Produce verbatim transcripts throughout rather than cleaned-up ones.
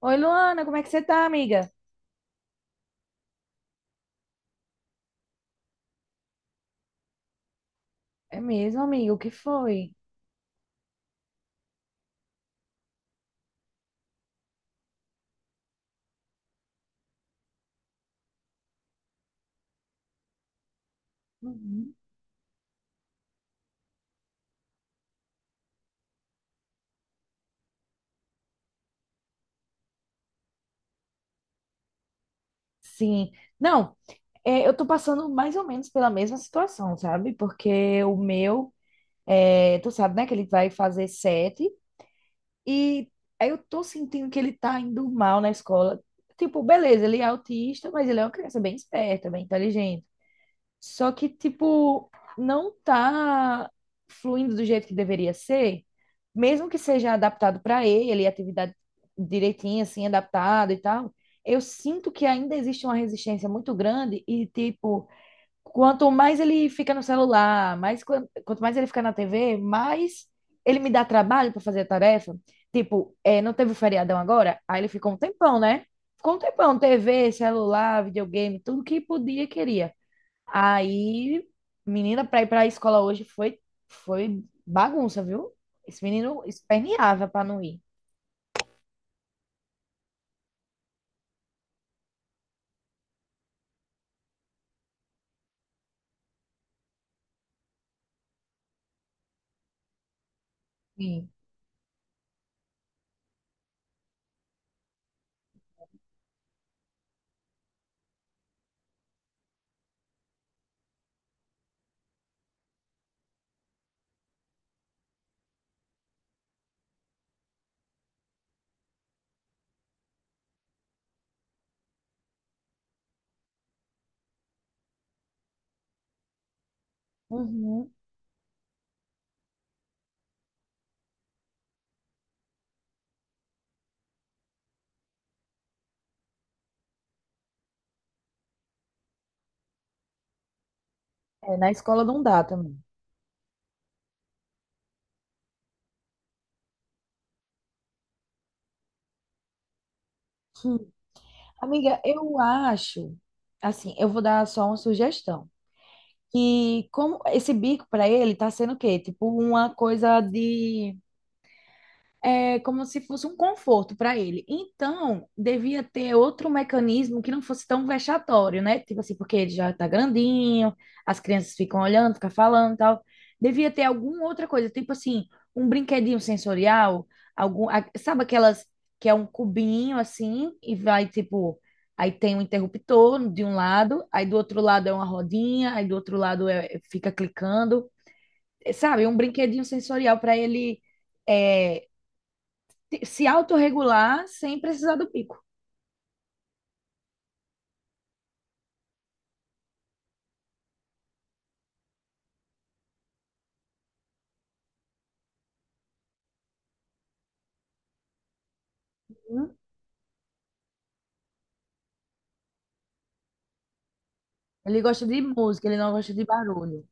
Oi, Luana, como é que você tá, amiga? É mesmo, amiga, o que foi? Uhum. Sim. Não, é, eu tô passando mais ou menos pela mesma situação, sabe? Porque o meu, é, tu sabe, né, que ele vai fazer sete e aí eu tô sentindo que ele tá indo mal na escola. Tipo, beleza, ele é autista, mas ele é uma criança bem esperta, bem inteligente. Só que, tipo, não tá fluindo do jeito que deveria ser, mesmo que seja adaptado para ele, atividade direitinha, assim, adaptada e tal. Eu sinto que ainda existe uma resistência muito grande e, tipo, quanto mais ele fica no celular, mais, quan- quanto mais ele fica na T V, mais ele me dá trabalho para fazer a tarefa. Tipo, é, não teve o feriadão agora? Aí ele ficou um tempão, né? Ficou um tempão, T V, celular, videogame, tudo que podia, e queria. Aí, menina, pra ir pra escola hoje foi, foi bagunça, viu? Esse menino esperneava pra não ir. Sim. Uhum. É, na escola não dá também. Hum. Amiga, eu acho, assim, eu vou dar só uma sugestão. Que como esse bico pra ele tá sendo o quê? Tipo uma coisa de é como se fosse um conforto para ele. Então, devia ter outro mecanismo que não fosse tão vexatório, né? Tipo assim, porque ele já tá grandinho, as crianças ficam olhando, ficam falando e tal. Devia ter alguma outra coisa, tipo assim, um brinquedinho sensorial, algum, a- sabe aquelas que é um cubinho assim e vai tipo, aí tem um interruptor de um lado, aí do outro lado é uma rodinha, aí do outro lado é, fica clicando. É, sabe? Um brinquedinho sensorial para ele é, se autorregular sem precisar do pico. Uhum. Ele gosta de música, ele não gosta de barulho.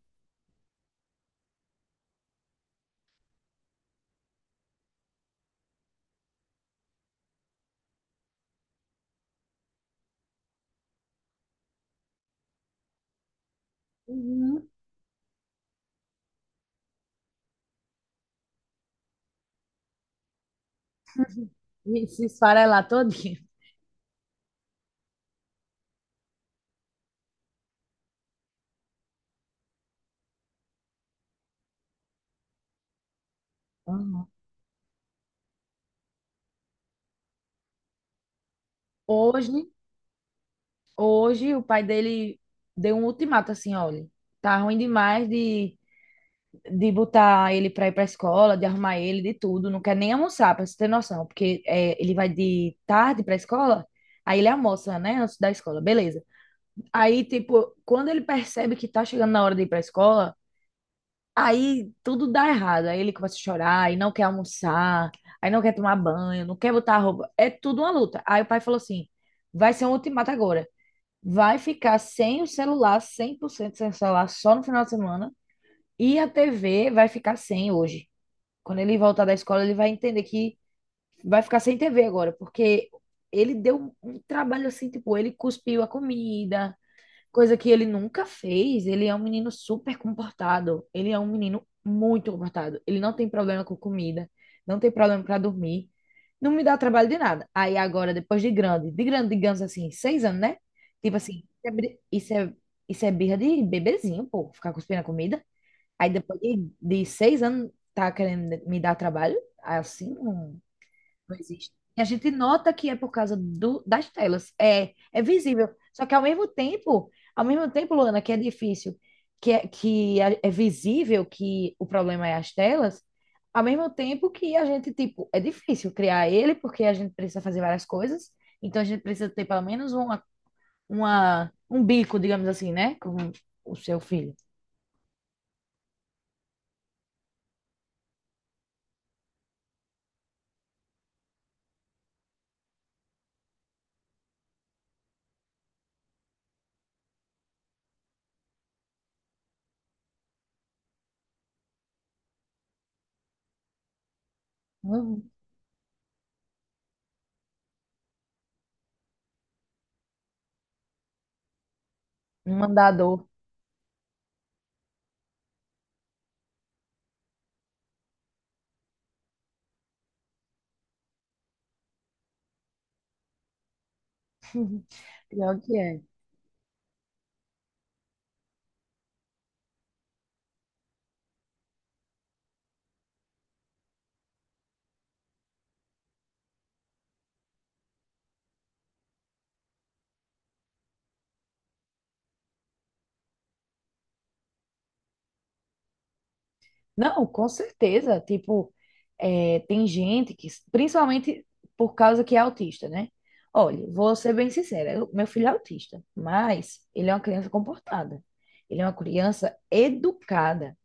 Uhum. E se esfarelar todinho. Uhum. Hoje, hoje o pai dele deu um ultimato assim: olha, tá ruim demais de, de botar ele pra ir pra escola, de arrumar ele, de tudo, não quer nem almoçar, pra você ter noção, porque é, ele vai de tarde pra escola, aí ele almoça, né, antes da escola, beleza. Aí, tipo, quando ele percebe que tá chegando na hora de ir pra escola, aí tudo dá errado. Aí ele começa a chorar, aí não quer almoçar, aí não quer tomar banho, não quer botar a roupa. É tudo uma luta. Aí o pai falou assim: vai ser um ultimato agora. Vai ficar sem o celular, cem por cento sem o celular, só no final de semana. E a T V vai ficar sem hoje. Quando ele voltar da escola, ele vai entender que vai ficar sem T V agora, porque ele deu um trabalho assim, tipo, ele cuspiu a comida, coisa que ele nunca fez. Ele é um menino super comportado. Ele é um menino muito comportado. Ele não tem problema com comida, não tem problema para dormir, não me dá trabalho de nada. Aí agora, depois de grande, de grande, digamos assim, seis anos, né? Tipo assim, isso é, bri- isso é, isso é birra de bebezinho, pô, ficar cuspindo a comida. Aí depois de, de seis anos, tá querendo me dar trabalho? Assim, não. Não existe. E a gente nota que é por causa do, das telas. É, é visível. Só que ao mesmo tempo, ao mesmo tempo, Luana, que é difícil, que é, que é é visível que o problema é as telas, ao mesmo tempo que a gente, tipo, é difícil criar ele, porque a gente precisa fazer várias coisas. Então a gente precisa ter pelo menos uma, uma, um bico, digamos assim, né? Com o seu filho. Um, um mandador. Pior que é. Não, com certeza. Tipo, é, tem gente que, principalmente por causa que é autista, né? Olha, vou ser bem sincera, eu- meu filho é autista, mas ele é uma criança comportada. Ele é uma criança educada.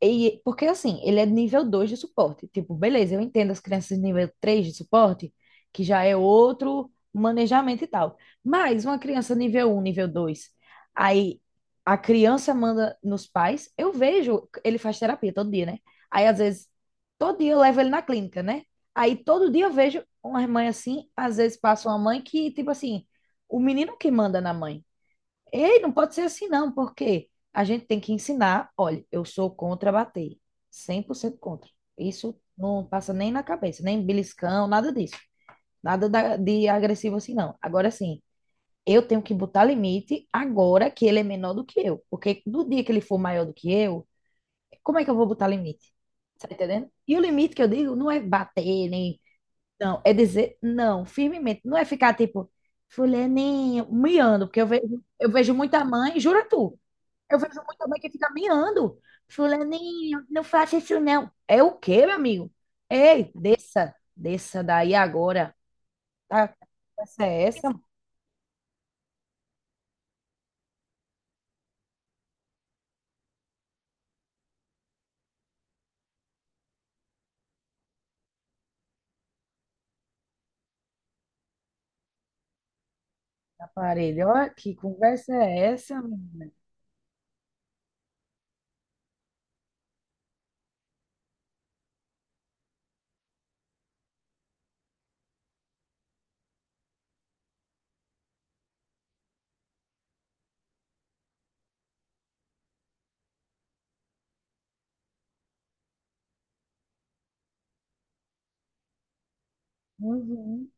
E, porque assim, ele é de nível dois de suporte. Tipo, beleza, eu entendo as crianças de nível três de suporte, que já é outro manejamento e tal. Mas uma criança nível um, nível dois, aí a criança manda nos pais, eu vejo, ele faz terapia todo dia, né? Aí às vezes, todo dia eu levo ele na clínica, né? Aí todo dia eu vejo uma mãe assim, às vezes passa uma mãe que, tipo assim, o menino que manda na mãe. Ei, não pode ser assim não, porque a gente tem que ensinar. Olha, eu sou contra bater, cem por cento contra. Isso não passa nem na cabeça, nem beliscão, nada disso. Nada da- de agressivo assim não. Agora sim, eu tenho que botar limite agora que ele é menor do que eu, porque no dia que ele for maior do que eu, como é que eu vou botar limite? Tá entendendo? E o limite que eu digo não é bater, nem. Não, é dizer não, firmemente. Não é ficar tipo, fulaninho, miando, porque eu vejo, eu vejo muita mãe, jura tu, eu vejo muita mãe que fica miando. Fulaninho, não faça isso não. É o quê, meu amigo? Ei, desça, desça daí agora. Tá, que conversa é essa, mãe, na parede? Olha, que conversa é essa, menina? Uhum,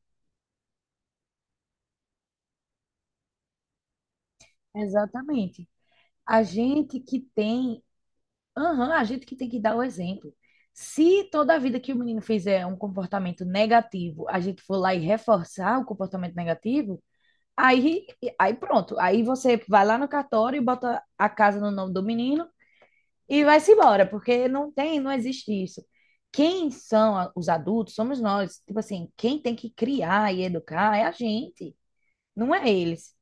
exatamente. A gente que tem, aham, a gente que tem que dar o exemplo. Se toda a vida que o menino fizer um comportamento negativo, a gente for lá e reforçar o comportamento negativo, Aí, aí pronto. Aí você vai lá no cartório e bota a casa no nome do menino e vai-se embora, porque não tem, não existe isso. Quem são a- os adultos somos nós. Tipo assim, quem tem que criar e educar é a gente, não é eles.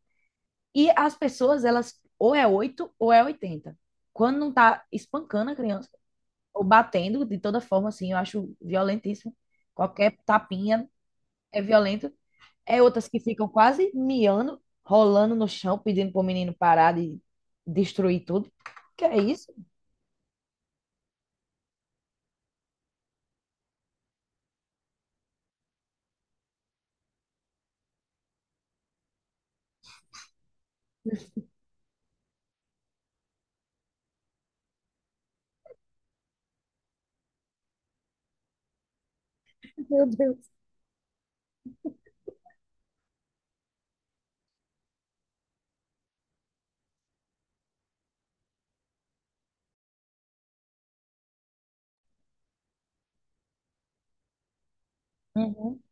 E as pessoas, elas ou é oito ou é oitenta. Quando não tá espancando a criança, ou batendo de toda forma, assim, eu acho violentíssimo. Qualquer tapinha é violento. É outras que ficam quase miando, rolando no chão, pedindo pro menino parar de destruir tudo. Que é isso? Meu Deus. Uhum.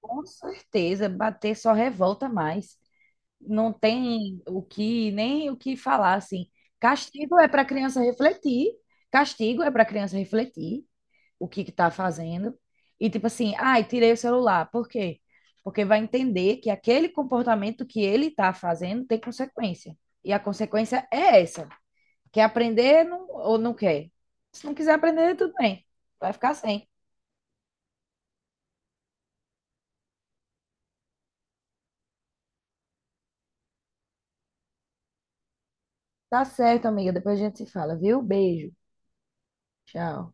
Com certeza, bater só revolta mais. Não tem o que, nem o que falar, assim. Castigo é para criança refletir. Castigo é para criança refletir o que que tá fazendo. E tipo assim, ai, tirei o celular. Por quê? Porque vai entender que aquele comportamento que ele tá fazendo tem consequência. E a consequência é essa. Quer aprender não- ou não quer? Se não quiser aprender, tudo bem. Vai ficar sem. Tá certo, amiga. Depois a gente se fala, viu? Beijo. Tchau.